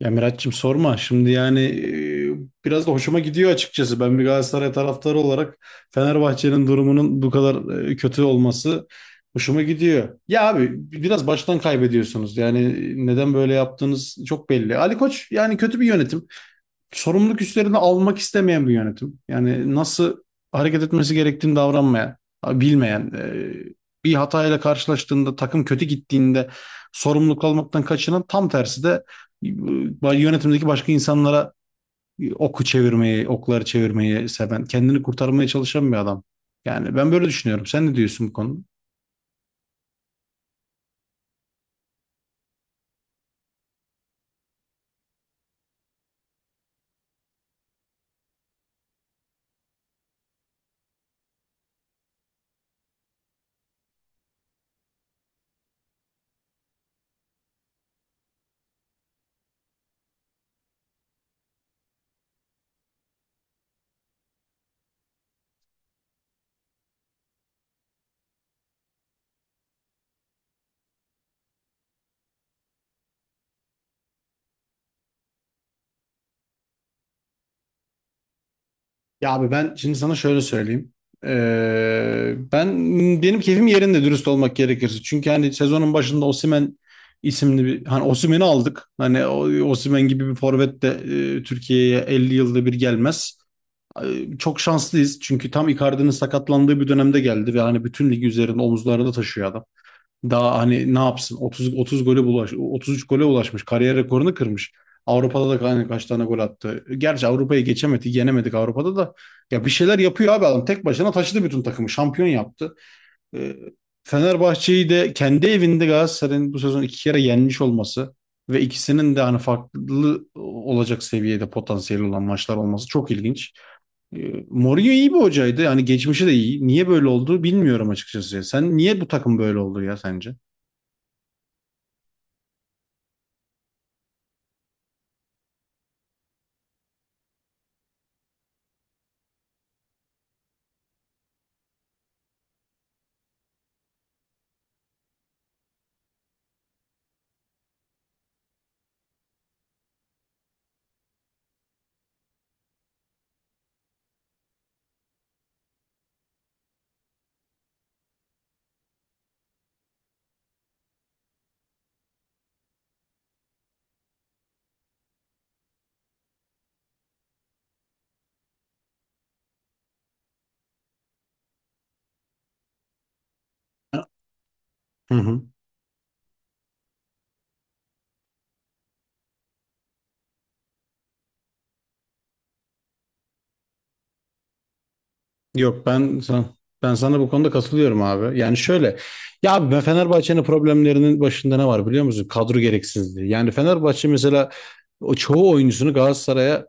Ya Miraç'cığım sorma. Şimdi yani biraz da hoşuma gidiyor açıkçası. Ben bir Galatasaray taraftarı olarak Fenerbahçe'nin durumunun bu kadar kötü olması hoşuma gidiyor. Ya abi biraz baştan kaybediyorsunuz. Yani neden böyle yaptığınız çok belli. Ali Koç yani kötü bir yönetim, sorumluluk üstlerini almak istemeyen bir yönetim. Yani nasıl hareket etmesi gerektiğini davranmayan, bilmeyen, bir hatayla karşılaştığında, takım kötü gittiğinde sorumluluk almaktan kaçınan, tam tersi de yönetimdeki başka insanlara oku çevirmeyi, okları çevirmeyi seven, kendini kurtarmaya çalışan bir adam. Yani ben böyle düşünüyorum. Sen ne diyorsun bu konuda? Ya abi ben şimdi sana şöyle söyleyeyim. Ben benim keyfim yerinde, dürüst olmak gerekirse. Çünkü hani sezonun başında Osimhen isimli bir, hani Osimhen'i aldık. Osimhen gibi bir forvet de Türkiye'ye 50 yılda bir gelmez. Çok şanslıyız. Çünkü tam Icardi'nin sakatlandığı bir dönemde geldi ve hani bütün ligi üzerinde, omuzlarında taşıyor adam. Daha hani ne yapsın? 30 gole ulaş 33 gole ulaşmış. Kariyer rekorunu kırmış. Avrupa'da da hani kaç tane gol attı. Gerçi Avrupa'yı geçemedik, yenemedik Avrupa'da da. Ya bir şeyler yapıyor abi adam. Tek başına taşıdı bütün takımı. Şampiyon yaptı. Ee, Fenerbahçe'yi de kendi evinde Galatasaray'ın bu sezon iki kere yenmiş olması ve ikisinin de hani farklı olacak seviyede potansiyeli olan maçlar olması çok ilginç. Mourinho iyi bir hocaydı. Yani geçmişi de iyi. Niye böyle oldu bilmiyorum açıkçası. Sen niye bu takım böyle oldu ya sence? Hı hı. Yok ben sana bu konuda katılıyorum abi. Yani şöyle, ya abi, ben Fenerbahçe'nin problemlerinin başında ne var biliyor musun? Kadro gereksizliği. Yani Fenerbahçe mesela o çoğu oyuncusunu Galatasaray'a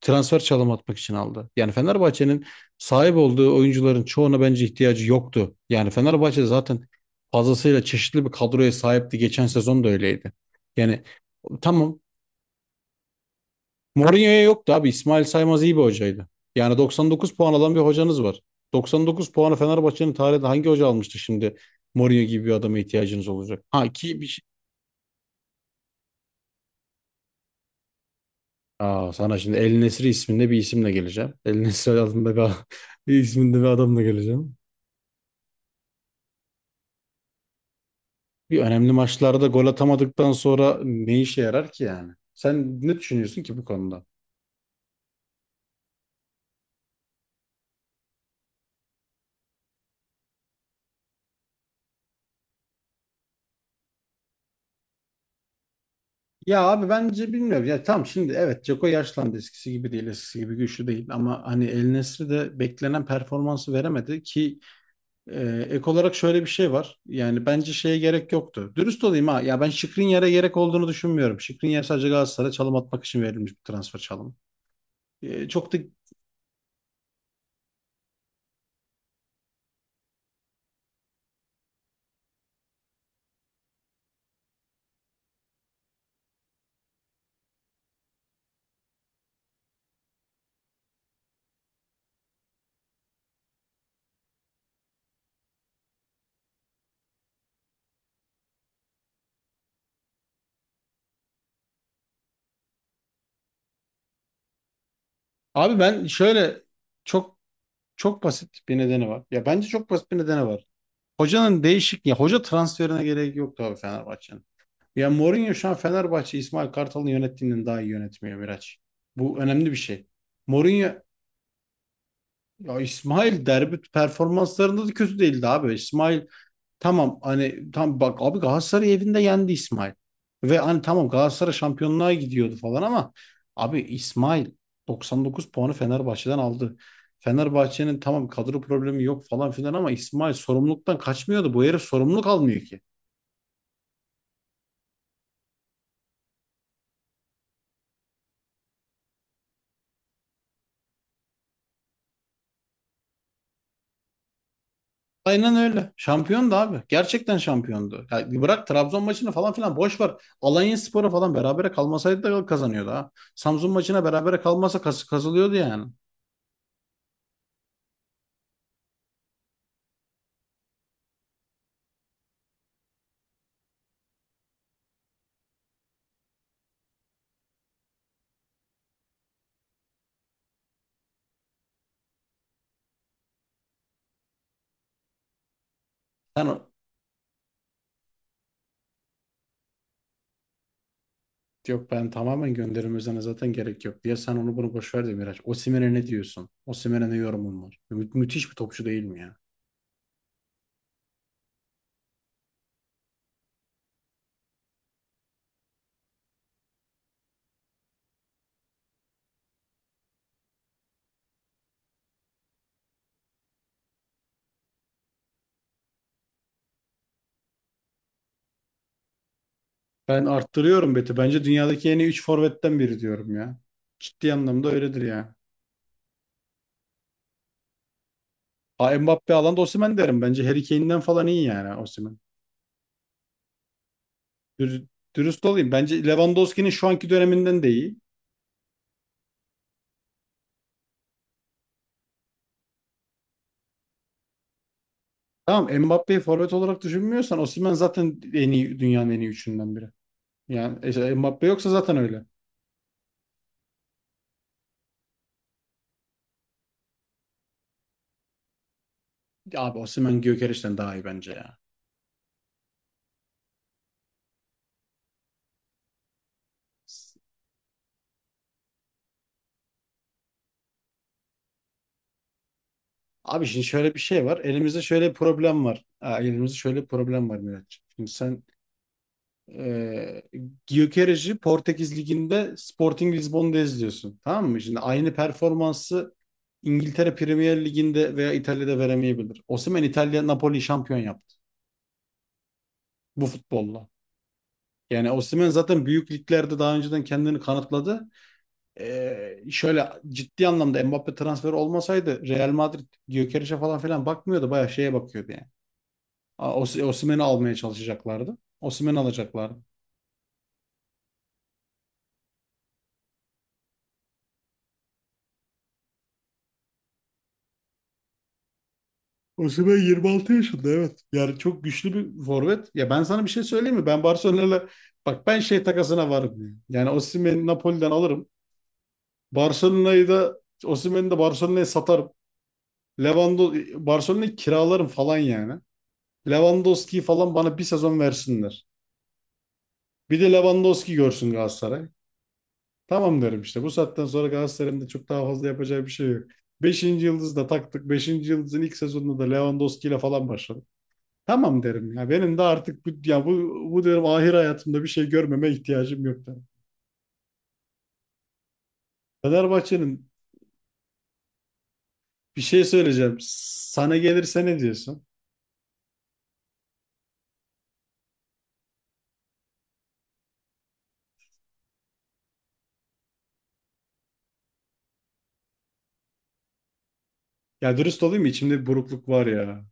transfer çalım atmak için aldı. Yani Fenerbahçe'nin sahip olduğu oyuncuların çoğuna bence ihtiyacı yoktu. Yani Fenerbahçe zaten fazlasıyla çeşitli bir kadroya sahipti. Geçen sezon da öyleydi. Yani tamam, Mourinho'ya yoktu abi. İsmail Saymaz iyi bir hocaydı. Yani 99 puan alan bir hocanız var. 99 puanı Fenerbahçe'nin tarihinde hangi hoca almıştı şimdi? Mourinho gibi bir adama ihtiyacınız olacak. Ha ki bir şey- sana şimdi El Nesri isminde bir isimle geleceğim. El Nesri adında isminde bir adamla geleceğim. Bir, önemli maçlarda gol atamadıktan sonra ne işe yarar ki yani? Sen ne düşünüyorsun ki bu konuda? Ya abi bence bilmiyorum. Ya tamam şimdi, evet Ceko yaşlandı, eskisi gibi değil, eskisi gibi güçlü değil, ama hani El Nesri de beklenen performansı veremedi ki, ek olarak şöyle bir şey var. Yani bence şeye gerek yoktu. Dürüst olayım ha. Ya ben Skriniar'a gerek olduğunu düşünmüyorum. Skriniar sadece Galatasaray'a çalım atmak için verilmiş bir transfer çalımı. Çok da abi ben şöyle, çok çok basit bir nedeni var. Ya bence çok basit bir nedeni var. Hocanın değişik, ya hoca transferine gerek yoktu abi Fenerbahçe'nin. Ya Mourinho şu an Fenerbahçe İsmail Kartal'ın yönettiğinden daha iyi yönetmiyor Miraç. Bu önemli bir şey. Mourinho ya İsmail derbi performanslarında da kötü değildi abi. İsmail tamam, hani tam bak abi, Galatasaray evinde yendi İsmail. Ve hani tamam Galatasaray şampiyonluğa gidiyordu falan ama abi İsmail 99 puanı Fenerbahçe'den aldı. Fenerbahçe'nin tamam kadro problemi yok falan filan ama İsmail sorumluluktan kaçmıyordu. Bu herif sorumluluk almıyor ki. Aynen öyle. Şampiyondu abi. Gerçekten şampiyondu. Ya bırak Trabzon maçını falan filan, boş ver. Alanyaspor'a falan berabere kalmasaydı da kazanıyordu ha. Samsun maçına berabere kalmasa kas kazılıyordu yani. Sen o- yok ben tamamen gönderilmesine zaten gerek yok diye, sen onu bunu boş ver de Miraç. Osimhen'e ne diyorsun? Osimhen'e ne yorumun var? Müthiş bir topçu değil mi ya? Ben arttırıyorum Beti. Bence dünyadaki en iyi 3 forvetten biri diyorum ya. Ciddi anlamda öyledir ya. Ha, Mbappe alanda Osimhen derim. Bence Harry Kane'den falan iyi yani Osimhen. Dür- Dürüst olayım. Bence Lewandowski'nin şu anki döneminden de iyi. Tamam, Mbappé'yi forvet olarak düşünmüyorsan Osimhen zaten en iyi, dünyanın en iyi üçünden biri. Yani Mbappé yoksa zaten öyle. Ya abi, Osimhen Gyökeres'ten daha iyi bence ya. Abi şimdi şöyle bir şey var. Elimizde şöyle bir problem var. Ha, elimizde şöyle bir problem var Miraç. Şimdi sen e, Gyökeres'i Portekiz Ligi'nde Sporting Lisbon'da izliyorsun. Tamam mı? Şimdi aynı performansı İngiltere Premier Ligi'nde veya İtalya'da veremeyebilir. Osimhen İtalya Napoli şampiyon yaptı bu futbolla. Yani Osimhen zaten büyük liglerde daha önceden kendini kanıtladı. Şöyle, ciddi anlamda Mbappe transferi olmasaydı Real Madrid Gyökeres'e falan filan bakmıyordu. Bayağı şeye bakıyordu yani. Osimhen'i almaya çalışacaklardı. Osimhen'i alacaklardı. Osimhen 26 yaşında evet. Yani çok güçlü bir forvet. Ya ben sana bir şey söyleyeyim mi? Ben Barcelona'yla, bak ben şey takasına varım. Yani Osimhen'i Napoli'den alırım. Barcelona'yı da, Osimhen'i de Barcelona'ya satarım. Lewando Barcelona'yı kiralarım falan yani. Lewandowski'yi falan bana bir sezon versinler. Bir de Lewandowski görsün Galatasaray. Tamam derim işte. Bu saatten sonra Galatasaray'ın da çok daha fazla yapacağı bir şey yok. Beşinci yıldızı da taktık. Beşinci yıldızın ilk sezonunda da Lewandowski ile falan başladım. Tamam derim ya. Benim de artık bu derim, ahir hayatımda bir şey görmeme ihtiyacım yok derim. Fenerbahçe'nin bir şey söyleyeceğim. Sana gelirse ne diyorsun? Ya dürüst olayım mı? İçimde bir burukluk var ya.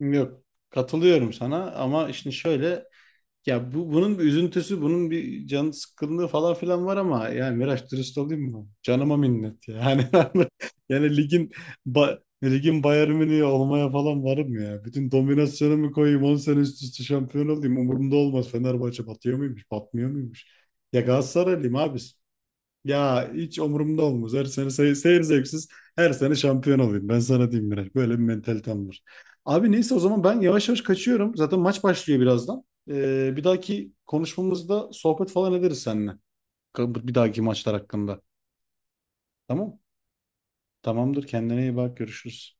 Yok. Katılıyorum sana ama işte şöyle, ya bu, bunun bir üzüntüsü, bunun bir can sıkkınlığı falan filan var ama yani Miraç, dürüst olayım mı? Canıma minnet ya. Yani yani ligin ligin Bayern Münih'i olmaya falan varım ya. Bütün dominasyonumu koyayım 10 sene üst üste şampiyon olayım. Umurumda olmaz. Fenerbahçe batıyor muymuş, batmıyor muymuş? Ya Galatasaraylıyım abi. Ya hiç umurumda olmaz. Her sene seyir zevksiz. Her sene şampiyon olayım. Ben sana diyeyim Miraç. Böyle bir mentalitem var. Abi neyse o zaman ben yavaş yavaş kaçıyorum. Zaten maç başlıyor birazdan. Bir dahaki konuşmamızda sohbet falan ederiz seninle. Bir dahaki maçlar hakkında. Tamam. Tamamdır. Kendine iyi bak. Görüşürüz.